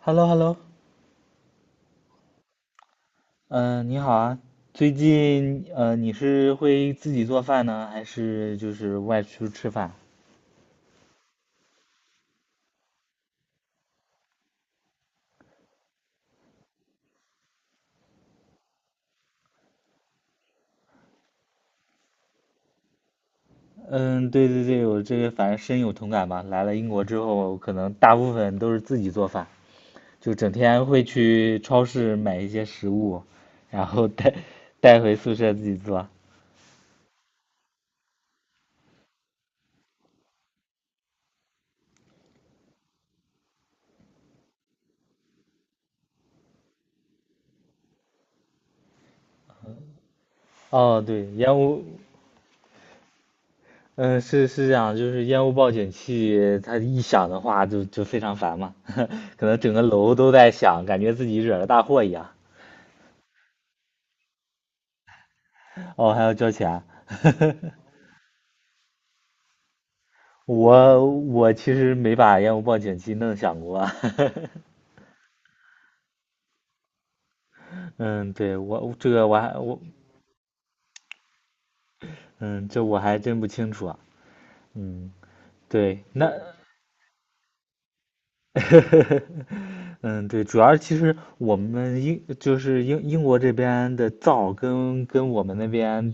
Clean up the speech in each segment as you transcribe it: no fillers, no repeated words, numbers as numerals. h e l l o Hello 嗯，你好啊。最近你是会自己做饭呢，还是就是外出吃饭？嗯，对对对，我这个反正深有同感吧。来了英国之后，可能大部分都是自己做饭，就整天会去超市买一些食物，然后带 带回宿舍自己做。哦，对，烟雾，嗯，是是这样，就是烟雾报警器，它一响的话就非常烦嘛，可能整个楼都在响，感觉自己惹了大祸一样。哦，还要交钱啊。我其实没把烟雾报警器弄响过啊，嗯，对我。嗯，这我还真不清楚啊。嗯，对，那 嗯，对，主要其实我们英就是英英国这边的灶跟我们那边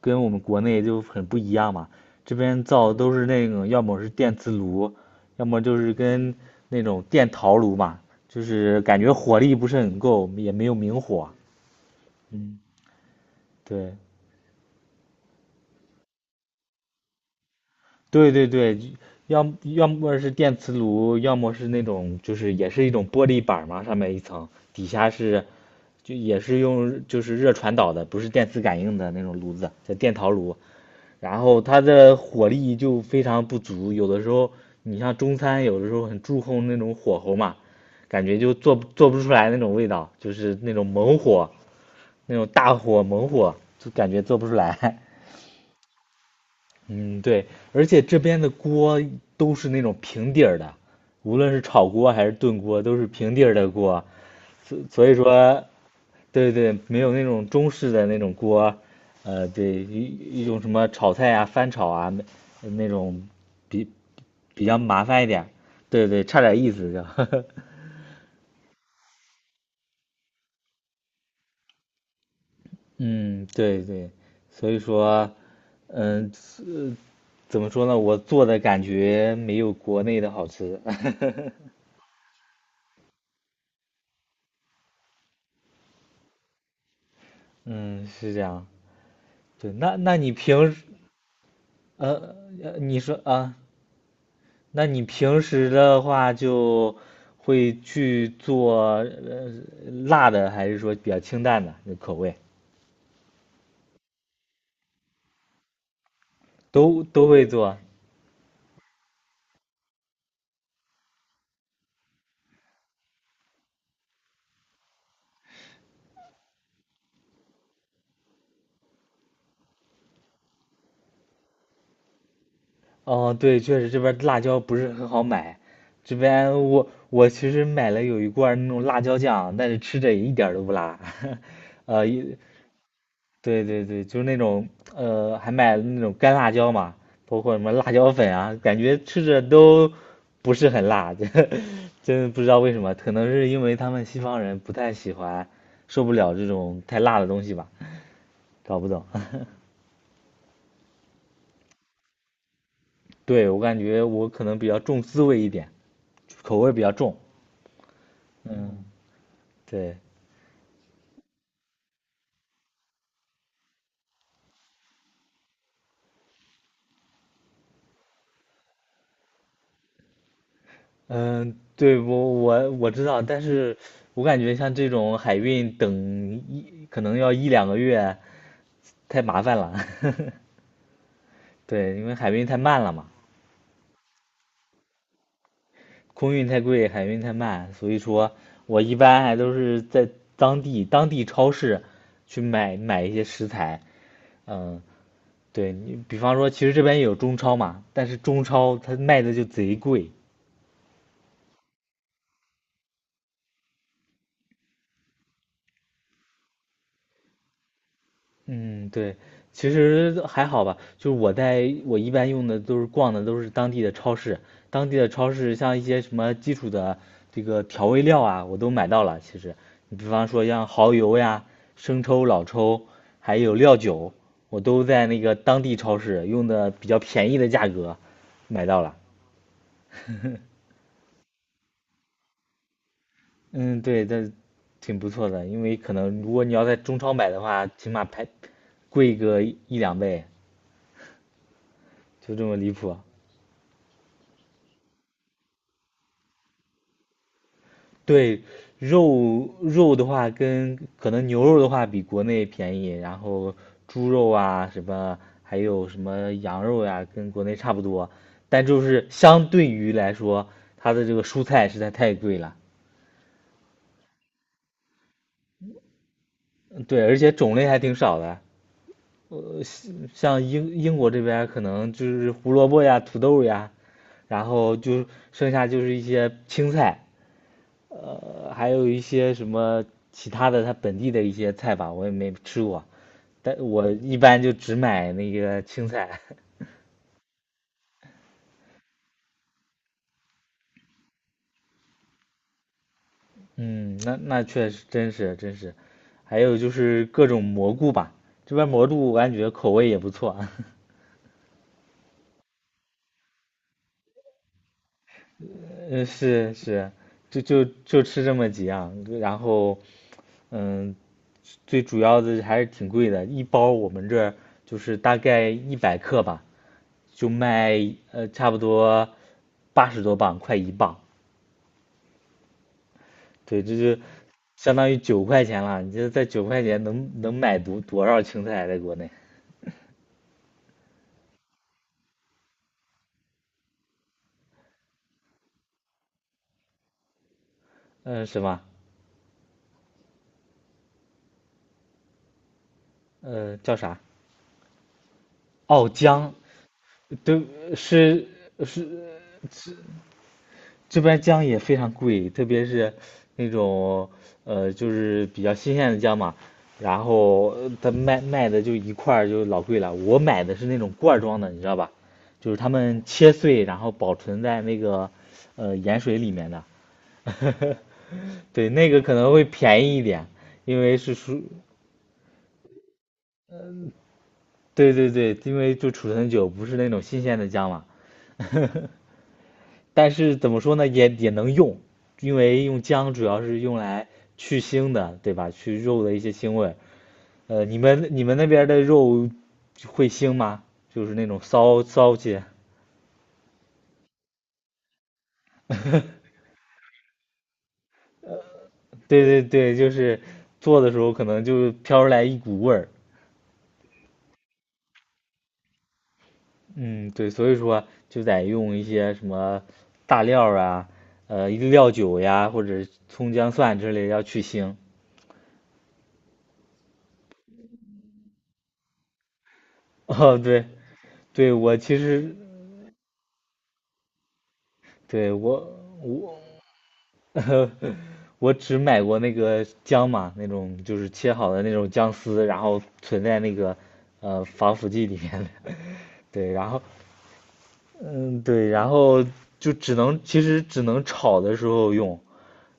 跟我们国内就很不一样嘛。这边造都是那种，要么是电磁炉，要么就是跟那种电陶炉嘛，就是感觉火力不是很够，也没有明火。嗯，对，对对对，要么是电磁炉，要么是那种就是也是一种玻璃板嘛，上面一层，底下是就也是用就是热传导的，不是电磁感应的那种炉子，叫电陶炉。然后它的火力就非常不足，有的时候你像中餐，有的时候很注重那种火候嘛，感觉就做不出来那种味道，就是那种猛火，那种大火猛火，就感觉做不出来。嗯，对，而且这边的锅都是那种平底儿的，无论是炒锅还是炖锅，都是平底儿的锅，所以说对对，没有那种中式的那种锅。对，一种什么炒菜啊、翻炒啊，那那种比比较麻烦一点。对对，差点意思就，嗯，对对，所以说，嗯，怎么说呢？我做的感觉没有国内的好吃。嗯，是这样。对，那那你平时，呃，你说啊，那你平时的话就会去做辣的，还是说比较清淡的那口味？都都会做。哦，对，确实这边辣椒不是很好买。这边我其实买了有一罐那种辣椒酱，但是吃着也一点儿都不辣。呃，对对对，就是那种还买了那种干辣椒嘛，包括什么辣椒粉啊，感觉吃着都不是很辣，这真的不知道为什么，可能是因为他们西方人不太喜欢，受不了这种太辣的东西吧，搞不懂。对，我感觉我可能比较重滋味一点，口味比较重。嗯，对，嗯，对，我知道，但是我感觉像这种海运等一可能要1到2个月，太麻烦了。对，因为海运太慢了嘛，空运太贵，海运太慢，所以说我一般还都是在当地超市去买一些食材。嗯，对你，比方说，其实这边也有中超嘛，但是中超它卖的就贼贵。嗯，对，其实还好吧。就是我在我一般用的都是逛的都是当地的超市，当地的超市像一些什么基础的这个调味料啊，我都买到了。其实，你比方说像蚝油呀、生抽、老抽，还有料酒，我都在那个当地超市用的比较便宜的价格买到了。嗯，对，这挺不错的，因为可能如果你要在中超买的话，起码排贵个1到2倍，就这么离谱。对，肉的话跟可能牛肉的话比国内便宜，然后猪肉啊什么，还有什么羊肉呀、跟国内差不多，但就是相对于来说，它的这个蔬菜实在太贵了。嗯，对，而且种类还挺少的，像英国这边儿可能就是胡萝卜呀、土豆呀，然后就剩下就是一些青菜，还有一些什么其他的，它本地的一些菜吧，我也没吃过，但我一般就只买那个青菜。嗯，那那确实真是真是，还有就是各种蘑菇吧，这边蘑菇我感觉口味也不错。嗯，是是，就吃这么几样，然后嗯，最主要的还是挺贵的，一包我们这儿就是大概100克吧，就卖差不多80多磅，快1磅。对，这就相当于九块钱了。你这在九块钱能能买多少青菜啊？在国内，嗯、什么，嗯，叫啥？哦，姜，对，是是这这边姜也非常贵，特别是那种就是比较新鲜的姜嘛。然后它卖的就一块儿就老贵了。我买的是那种罐儿装的，你知道吧？就是他们切碎，然后保存在那个盐水里面的。对，那个可能会便宜一点，因为是储，对对对，因为就储存久，不是那种新鲜的姜嘛。但是怎么说呢，也也能用，因为用姜主要是用来去腥的，对吧？去肉的一些腥味。你们你们那边的肉会腥吗？就是那种骚骚气。对对对，就是做的时候可能就飘出来一股味儿。嗯，对，所以说就得用一些什么大料儿啊，料酒呀，或者葱姜蒜之类要去腥。哦，对，对，我其实对我 我只买过那个姜嘛，那种就是切好的那种姜丝，然后存在那个防腐剂里面的。对，然后嗯，对，然后就只能其实只能炒的时候用，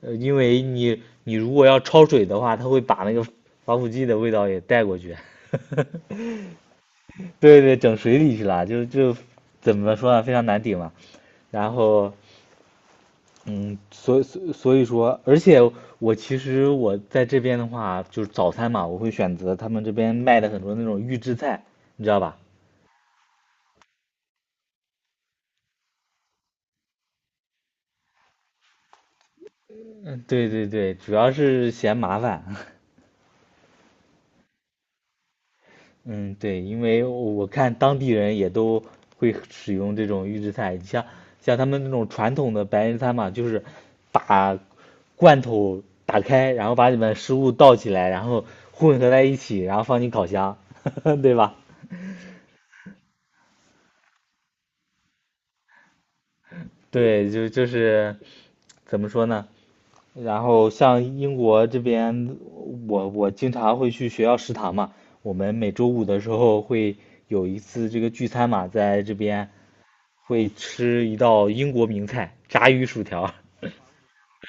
因为你你如果要焯水的话，它会把那个防腐剂的味道也带过去。对对，整水里去了，就就怎么说呢，非常难顶嘛。然后，嗯，所以说，而且我其实我在这边的话，就是早餐嘛，我会选择他们这边卖的很多那种预制菜，你知道吧？嗯，对对对，主要是嫌麻烦。嗯，对，因为我看当地人也都会使用这种预制菜，你像像他们那种传统的白人餐嘛，就是把罐头打开，然后把里面食物倒起来，然后混合在一起，然后放进烤箱，对吧？对，就就是怎么说呢？然后像英国这边，我经常会去学校食堂嘛，我们每周5的时候会有一次这个聚餐嘛，在这边会吃一道英国名菜——炸鱼薯条。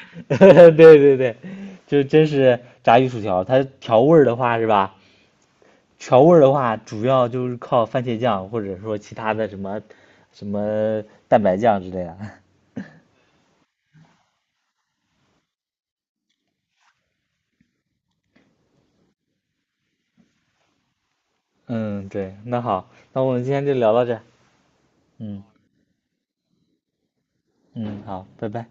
对对对，就真是炸鱼薯条。它调味儿的话是吧？调味儿的话，主要就是靠番茄酱，或者说其他的什么什么蛋白酱之类的。嗯，对，那好，那我们今天就聊到这儿。嗯嗯，好，拜拜。